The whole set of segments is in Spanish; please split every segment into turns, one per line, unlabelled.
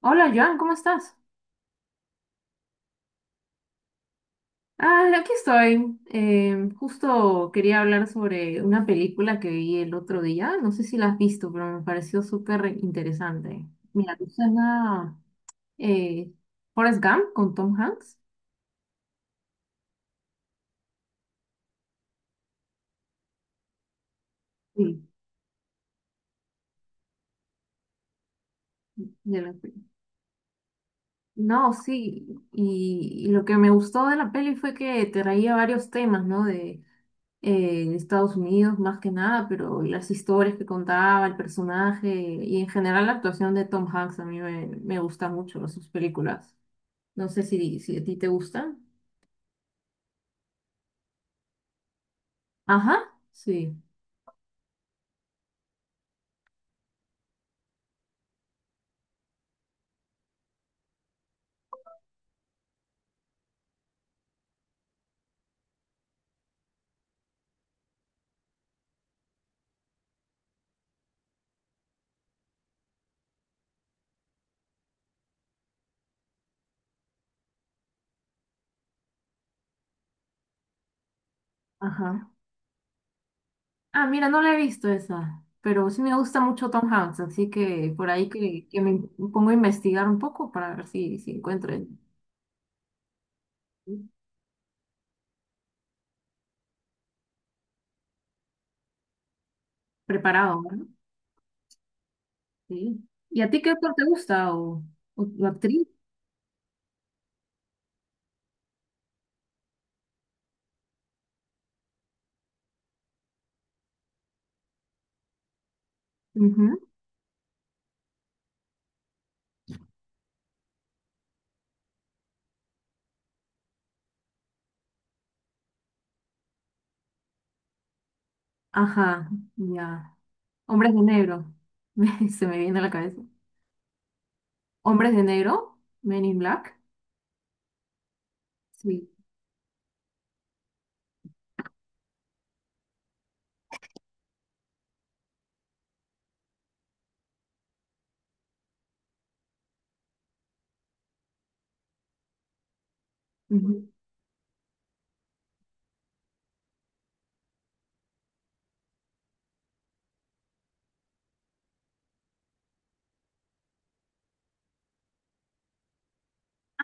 Hola Joan, ¿cómo estás? Ah, aquí estoy. Justo quería hablar sobre una película que vi el otro día. No sé si la has visto, pero me pareció súper interesante. Mira, ¿te suena eh, Forrest Gump con Tom Hanks? Sí. De la peli. No, sí. Y lo que me gustó de la peli fue que traía varios temas, ¿no? De en Estados Unidos más que nada, pero las historias que contaba, el personaje y en general la actuación de Tom Hanks a mí me gusta mucho sus películas. No sé si a ti te gustan. Ajá, sí, ajá. Ah, mira, no la he visto esa, pero sí me gusta mucho Tom Hanks, así que por ahí que me pongo a investigar un poco para ver si encuentro preparado, ¿no? Sí. ¿Y a ti qué actor te gusta o actriz? Ujú. Ajá, ya. Hombres de negro. Se me viene a la cabeza. Hombres de negro, Men in Black. Sí. Ujú.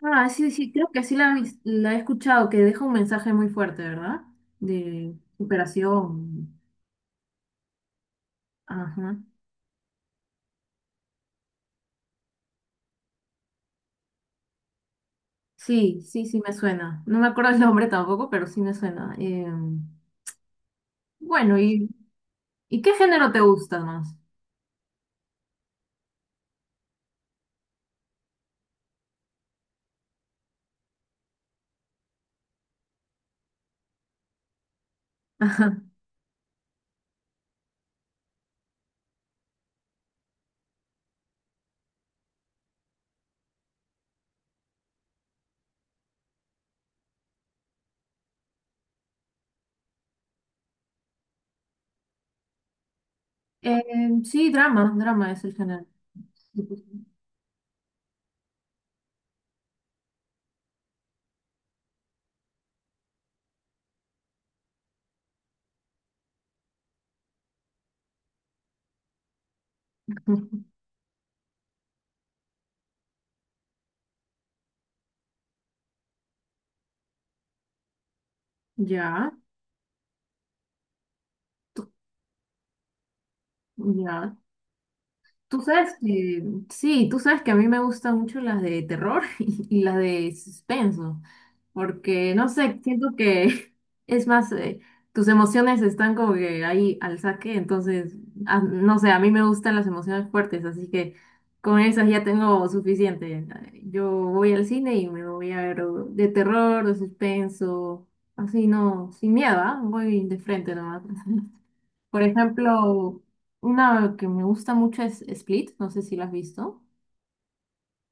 Ah, sí, sí, creo que sí la he escuchado, que deja un mensaje muy fuerte, ¿verdad? De superación. Ajá. Sí, sí, sí me suena. No me acuerdo el nombre tampoco, pero sí me suena. Bueno, ¿y qué género te gusta más? Ajá. Eh, sí, drama es el género. Ya, ya. Tú sabes que, sí, tú sabes que a mí me gustan mucho las de terror y las de suspenso, porque no sé, siento que es más, tus emociones están como que ahí al saque, entonces, ah, no sé, a mí me gustan las emociones fuertes, así que con esas ya tengo suficiente. Yo voy al cine y me voy a ver o de terror, de suspenso, así no, sin miedo, ¿ah? Voy de frente nomás. Por ejemplo, una que me gusta mucho es Split, no sé si la has visto.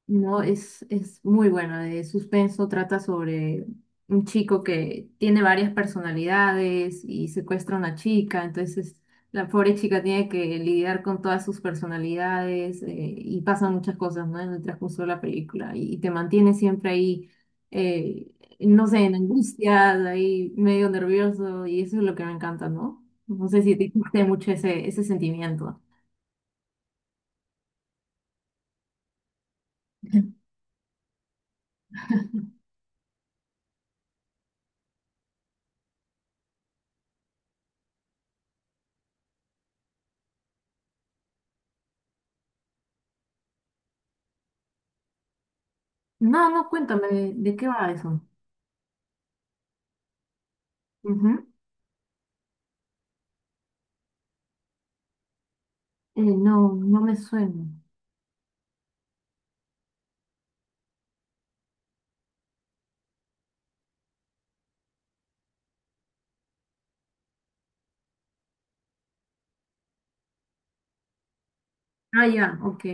No, es muy bueno. De suspenso trata sobre un chico que tiene varias personalidades y secuestra a una chica. Entonces, la pobre chica tiene que lidiar con todas sus personalidades y pasan muchas cosas, ¿no? En el transcurso de la película y te mantiene siempre ahí, eh, no sé, en angustias, ahí medio nervioso y eso es lo que me encanta, ¿no? No sé si te guste mucho ese sentimiento. No, no, cuéntame, de qué va eso? No, no me suena. Ah, ya, ok.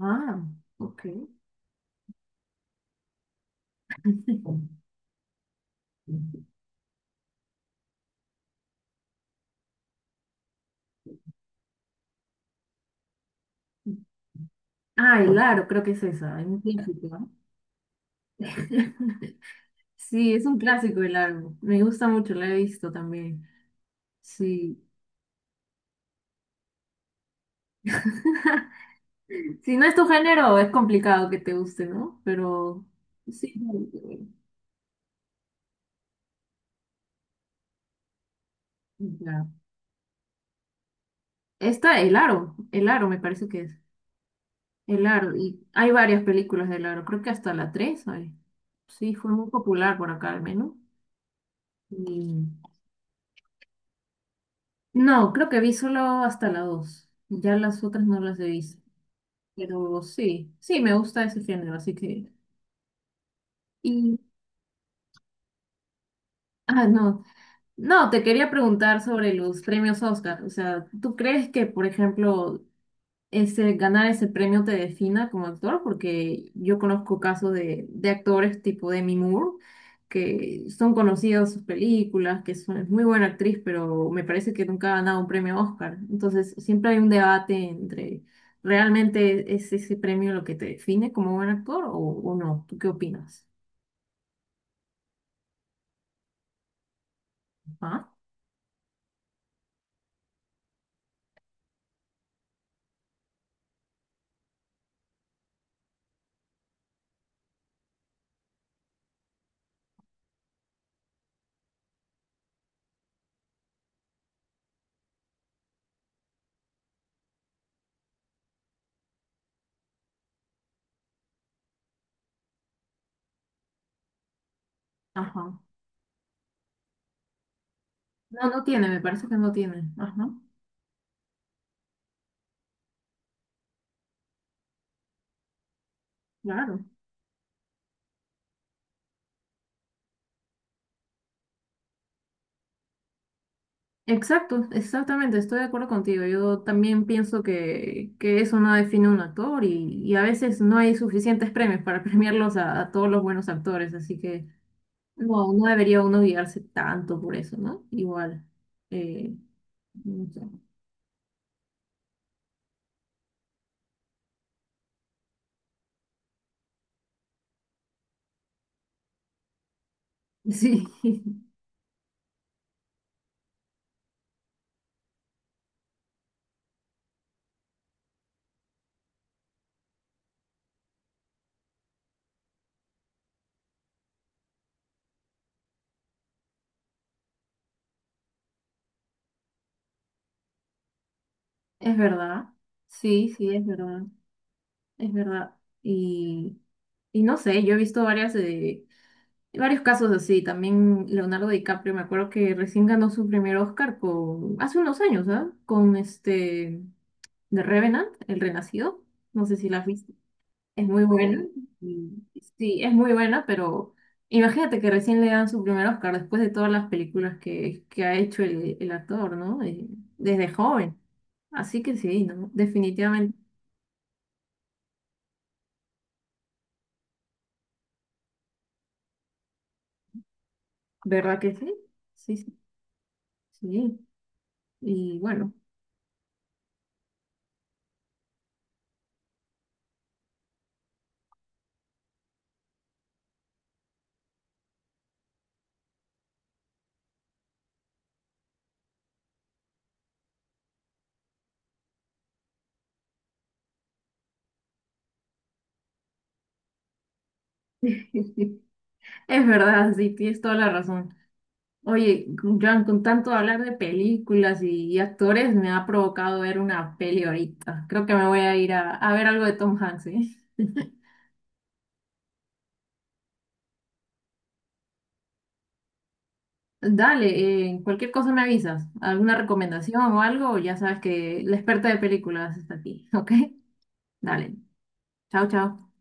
Ah, ok. Ah, el aro, creo que es esa, es un clásico, ¿no? Sí, es un clásico el aro. Me gusta mucho, la he visto también. Sí. Si no es tu género, es complicado que te guste, ¿no? Pero sí. Ya. Esta, El Aro, El Aro me parece que es. El Aro, y hay varias películas del Aro, creo que hasta la 3 hay. Sí, fue muy popular por acá al menos. Mm, No, creo que vi solo hasta la dos. Ya las otras no las he visto. Pero sí, sí, me gusta ese género, así que... Y, ah, no. No, te quería preguntar sobre los premios Oscar. O sea, ¿tú crees que, por ejemplo, ese, ganar ese premio te defina como actor, porque yo conozco casos de actores tipo Demi Moore, que son conocidos sus películas, que es muy buena actriz, pero me parece que nunca ha ganado un premio Oscar? Entonces, siempre hay un debate entre, ¿realmente es ese premio lo que te define como buen actor o no? ¿Tú qué opinas? ¿Ah? Ajá. No, no tiene, me parece que no tiene. Ajá, claro. Exacto, exactamente, estoy de acuerdo contigo. Yo también pienso que eso no define un actor y a veces no hay suficientes premios para premiarlos a todos los buenos actores, así que no, no debería uno guiarse tanto por eso, ¿no? Igual, eh, no sé. Sí, es verdad, sí, sí, es verdad, es verdad. Y, y no sé, yo he visto varias, varios casos así, también Leonardo DiCaprio, me acuerdo que recién ganó su primer Oscar con, hace unos años, ¿ah? Con este, The Revenant, El Renacido, no sé si la has visto, es muy buena. No. y- sí, es muy buena, pero imagínate que recién le dan su primer Oscar después de todas las películas que ha hecho el actor, ¿no? Desde joven, así que sí, ¿no? Definitivamente, ¿verdad que sí? Sí, sí, sí, y bueno, es verdad, sí, tienes toda la razón. Oye, Joan, con tanto hablar de películas y actores, me ha provocado ver una peli ahorita. Creo que me voy a ir a ver algo de Tom Hanks, ¿eh? Dale, cualquier cosa me avisas. ¿Alguna recomendación o algo? Ya sabes que la experta de películas está aquí, ¿ok? Dale. Chao, chao.